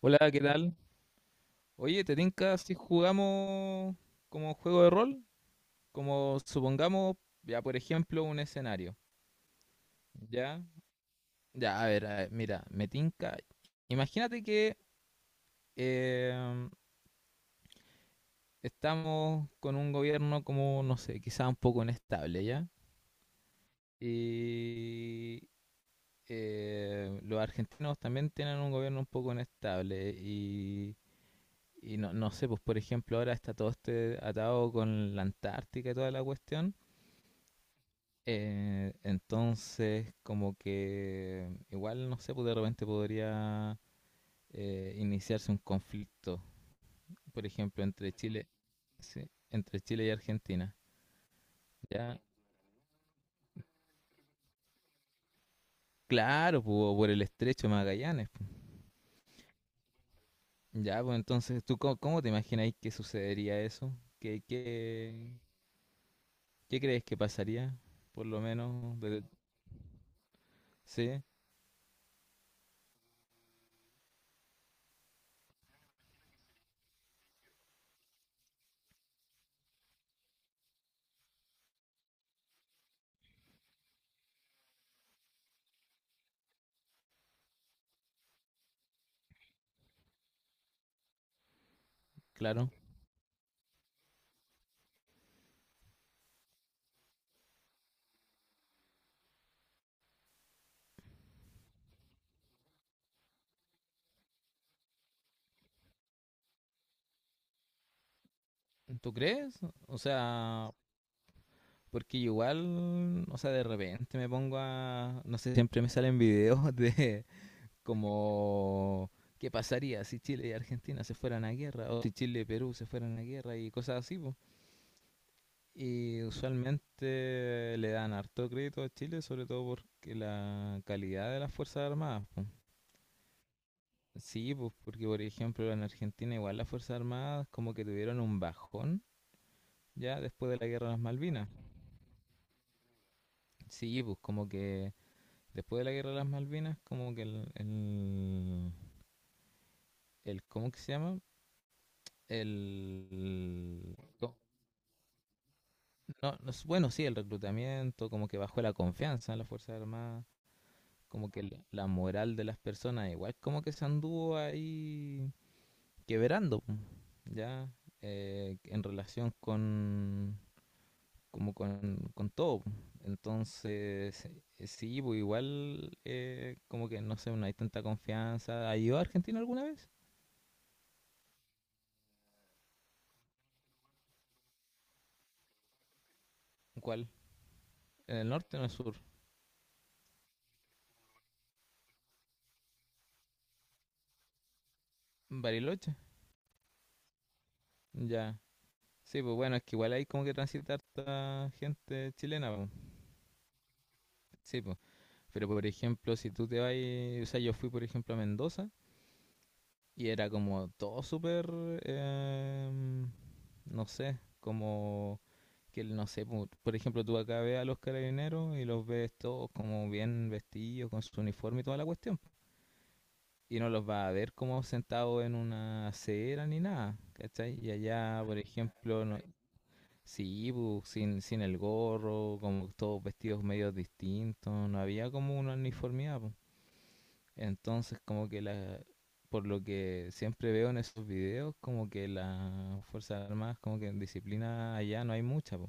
Hola, ¿qué tal? Oye, ¿te tinca si jugamos como juego de rol? Como supongamos, ya por ejemplo, un escenario. ¿Ya? Ya, a ver, mira, me tinca. Imagínate que em, estamos con un gobierno como, no sé, quizá un poco inestable, ¿ya? Y los argentinos también tienen un gobierno un poco inestable y... Y no, no sé, pues por ejemplo ahora está todo este atado con la Antártica y toda la cuestión. Entonces, como que igual, no sé, pues de repente podría iniciarse un conflicto, por ejemplo, entre Chile, sí, entre Chile y Argentina. Ya, claro, pues, o por el estrecho de Magallanes, pues. Ya, pues entonces, ¿tú cómo, cómo te imagináis que sucedería eso? ¿Qué, qué, qué crees que pasaría? Por lo menos, desde- sí, claro. ¿Tú crees? O sea, porque igual, o sea, de repente me pongo a, no sé, siempre me salen videos de como qué pasaría si Chile y Argentina se fueran a guerra, o si Chile y Perú se fueran a guerra y cosas así, po. Y usualmente le dan harto crédito a Chile, sobre todo porque la calidad de las Fuerzas Armadas, po. Sí, pues porque por ejemplo en Argentina igual las Fuerzas Armadas como que tuvieron un bajón ya después de la guerra de las Malvinas. Sí, pues como que después de la guerra de las Malvinas, como que el ¿cómo que se llama? El, no, no, bueno, sí, el reclutamiento, como que bajó la confianza en las Fuerzas Armadas, como que la moral de las personas, igual como que se anduvo ahí quebrando, ya, en relación con, como con todo. Entonces, sí, pues igual, como que no sé, no hay tanta confianza. ¿Ha ido a Argentina alguna vez? ¿Cuál? ¿En el norte o en el sur? ¿Bariloche? Ya. Sí, pues bueno, es que igual hay como que transitar harta gente chilena, pues. Sí, pues. Pero por ejemplo, si tú te vas, o sea, yo fui por ejemplo a Mendoza y era como todo súper, eh, no sé, como que no sé, por ejemplo, tú acá ves a los carabineros y los ves todos como bien vestidos, con su uniforme y toda la cuestión. Y no los vas a ver como sentados en una acera ni nada, ¿cachai? Y allá, por ejemplo, no, sí, bu, sin el gorro, como todos vestidos medio distintos, no había como una uniformidad, bu. Entonces, como que la, por lo que siempre veo en esos videos, como que las Fuerzas Armadas, como que en disciplina allá no hay mucha, bu.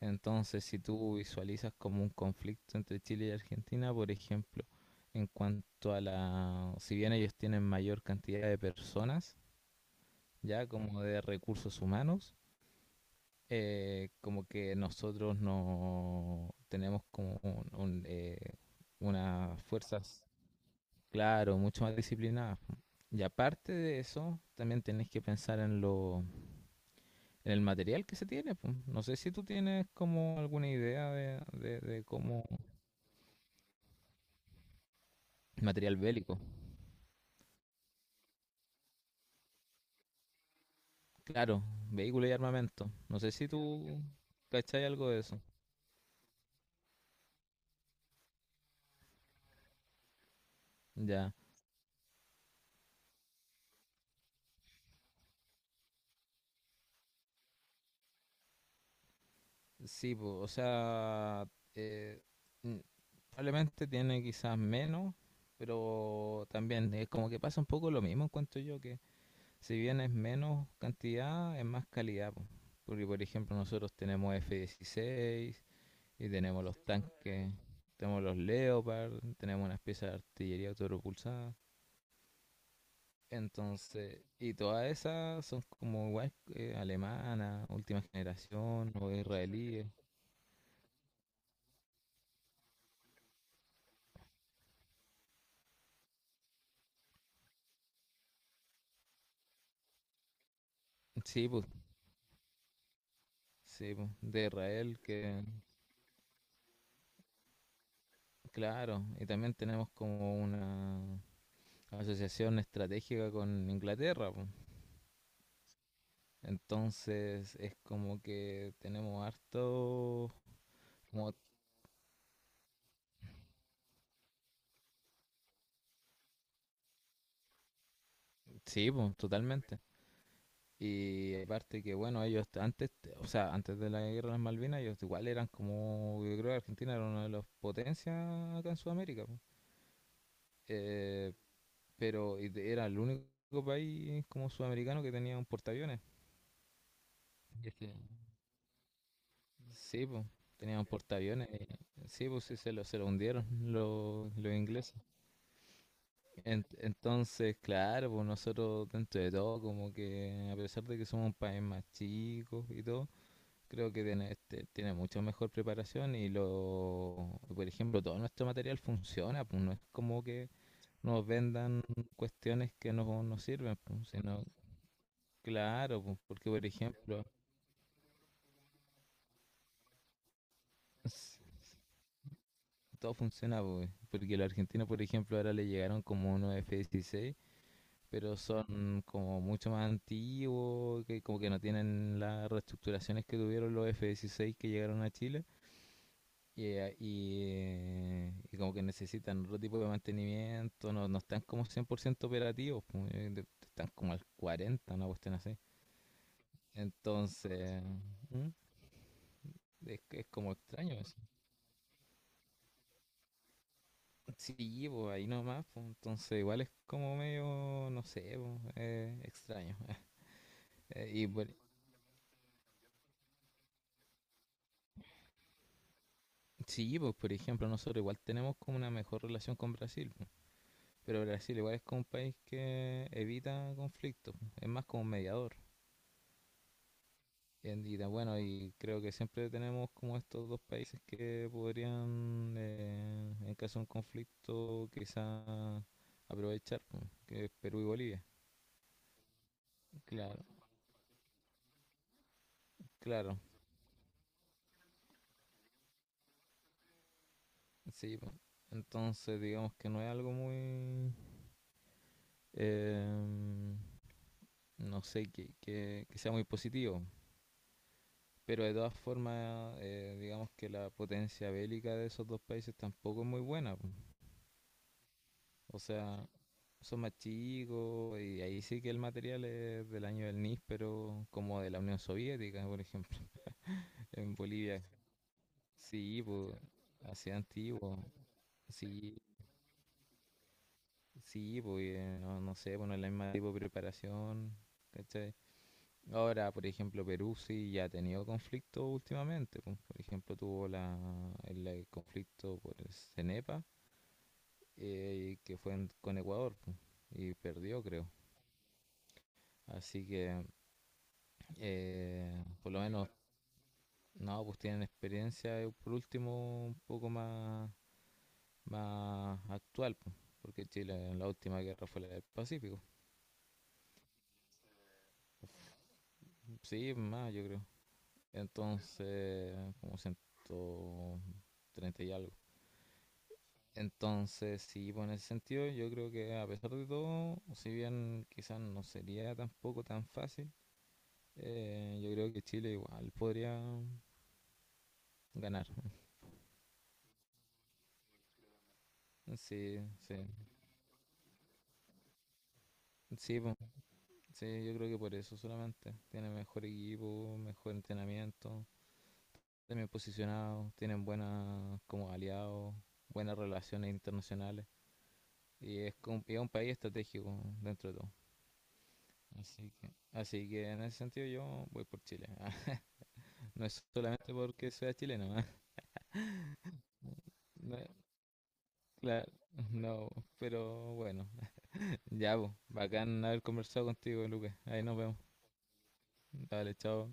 Entonces, si tú visualizas como un conflicto entre Chile y Argentina, por ejemplo, en cuanto a la, si bien ellos tienen mayor cantidad de personas, ya como de recursos humanos, como que nosotros no tenemos como un, unas fuerzas, claro, mucho más disciplinadas, po. Y aparte de eso, también tenés que pensar en lo, en el material que se tiene, po. No sé si tú tienes como alguna idea de, de cómo material bélico, claro, vehículo y armamento. No sé si tú cachai algo de eso. Ya, sí, po, o sea, eh, mm, probablemente tiene quizás menos, pero también es como que pasa un poco lo mismo, encuentro yo, que si bien es menos cantidad, es más calidad, po. Porque, por ejemplo, nosotros tenemos F-16 y tenemos los tanques, tenemos los Leopard, tenemos unas piezas de artillería autopropulsada. Entonces, y todas esas son como igual alemanas, última generación o israelíes. Sí, pues sí, po, de Israel, que claro, y también tenemos como una asociación estratégica con Inglaterra, po. Entonces es como que tenemos harto, como, sí, po, totalmente. Y aparte que bueno, ellos antes, o sea, antes de la guerra de las Malvinas, ellos igual eran como, yo creo que Argentina era una de las potencias acá en Sudamérica, po. Eh, pero y de- era el único país como sudamericano que tenía un portaaviones. Este, sí, pues, tenían portaaviones, y- sí, pues sí, se lo hundieron los ingleses. En- entonces, claro, pues nosotros dentro de todo, como que a pesar de que somos un país más chico y todo, creo que tiene, este, tiene mucho mejor preparación y lo, por ejemplo, todo nuestro material funciona, pues no es como que nos vendan cuestiones que no nos sirven, pues, sino, claro, pues, porque por ejemplo... Todo funciona, pues, porque los argentinos, por ejemplo, ahora le llegaron como unos F-16, pero son como mucho más antiguos, que como que no tienen las reestructuraciones que tuvieron los F-16 que llegaron a Chile. Y, y como que necesitan otro tipo de mantenimiento, no, no están como 100% operativos, pues, de- están como al 40, una cuestión así. Entonces, ¿Mm? Es como extraño eso. Sí, pues ahí nomás, pues, entonces igual es como medio, no sé, pues, extraño. Y por- sí, pues por ejemplo, nosotros igual tenemos como una mejor relación con Brasil, pues, pero Brasil igual es como un país que evita conflictos, pues, es más como un mediador. En- y, da- bueno, y creo que siempre tenemos como estos dos países que podrían, en caso de un conflicto, quizá aprovechar, pues, que es Perú y Bolivia. Claro, claro. Sí, po, entonces digamos que no es algo muy, em, no sé, que sea muy positivo. Pero de todas formas, digamos que la potencia bélica de esos dos países tampoco es muy buena, po. O sea, son más chicos y ahí sí que el material es del año del NIS, pero como de la Unión Soviética, por ejemplo, en Bolivia. Sí, pues, así antiguo. Sí, sí, pues, no, no sé, bueno, la misma tipo de preparación. ¿Cachai? Ahora, por ejemplo, Perú sí ya ha tenido conflictos últimamente, pues. Por ejemplo, tuvo la, el conflicto por el CENEPA, que fue en- con Ecuador, pues, y perdió, creo. Así que, por lo menos, no, pues tienen experiencia, por último, un poco más, más actual, pues, porque Chile en la última guerra fue la del Pacífico. Sí, más, yo creo. Entonces, como 130 y algo. Entonces, sí, pues en ese sentido, yo creo que a pesar de todo, si bien quizás no sería tampoco tan fácil, yo creo que Chile igual podría ganar. Sí, sí, sí, pues, sí, yo creo que por eso solamente. Tiene mejor equipo, mejor entrenamiento, están bien posicionados, tienen buenas como aliados, buenas relaciones internacionales y es, como- y es un país estratégico dentro de todo. Así que en ese sentido yo voy por Chile. No es solamente porque sea chileno, ¿ah? No, claro, no, pero bueno, ya, po, bacán haber conversado contigo, Lucas. Ahí nos vemos. Dale, chao.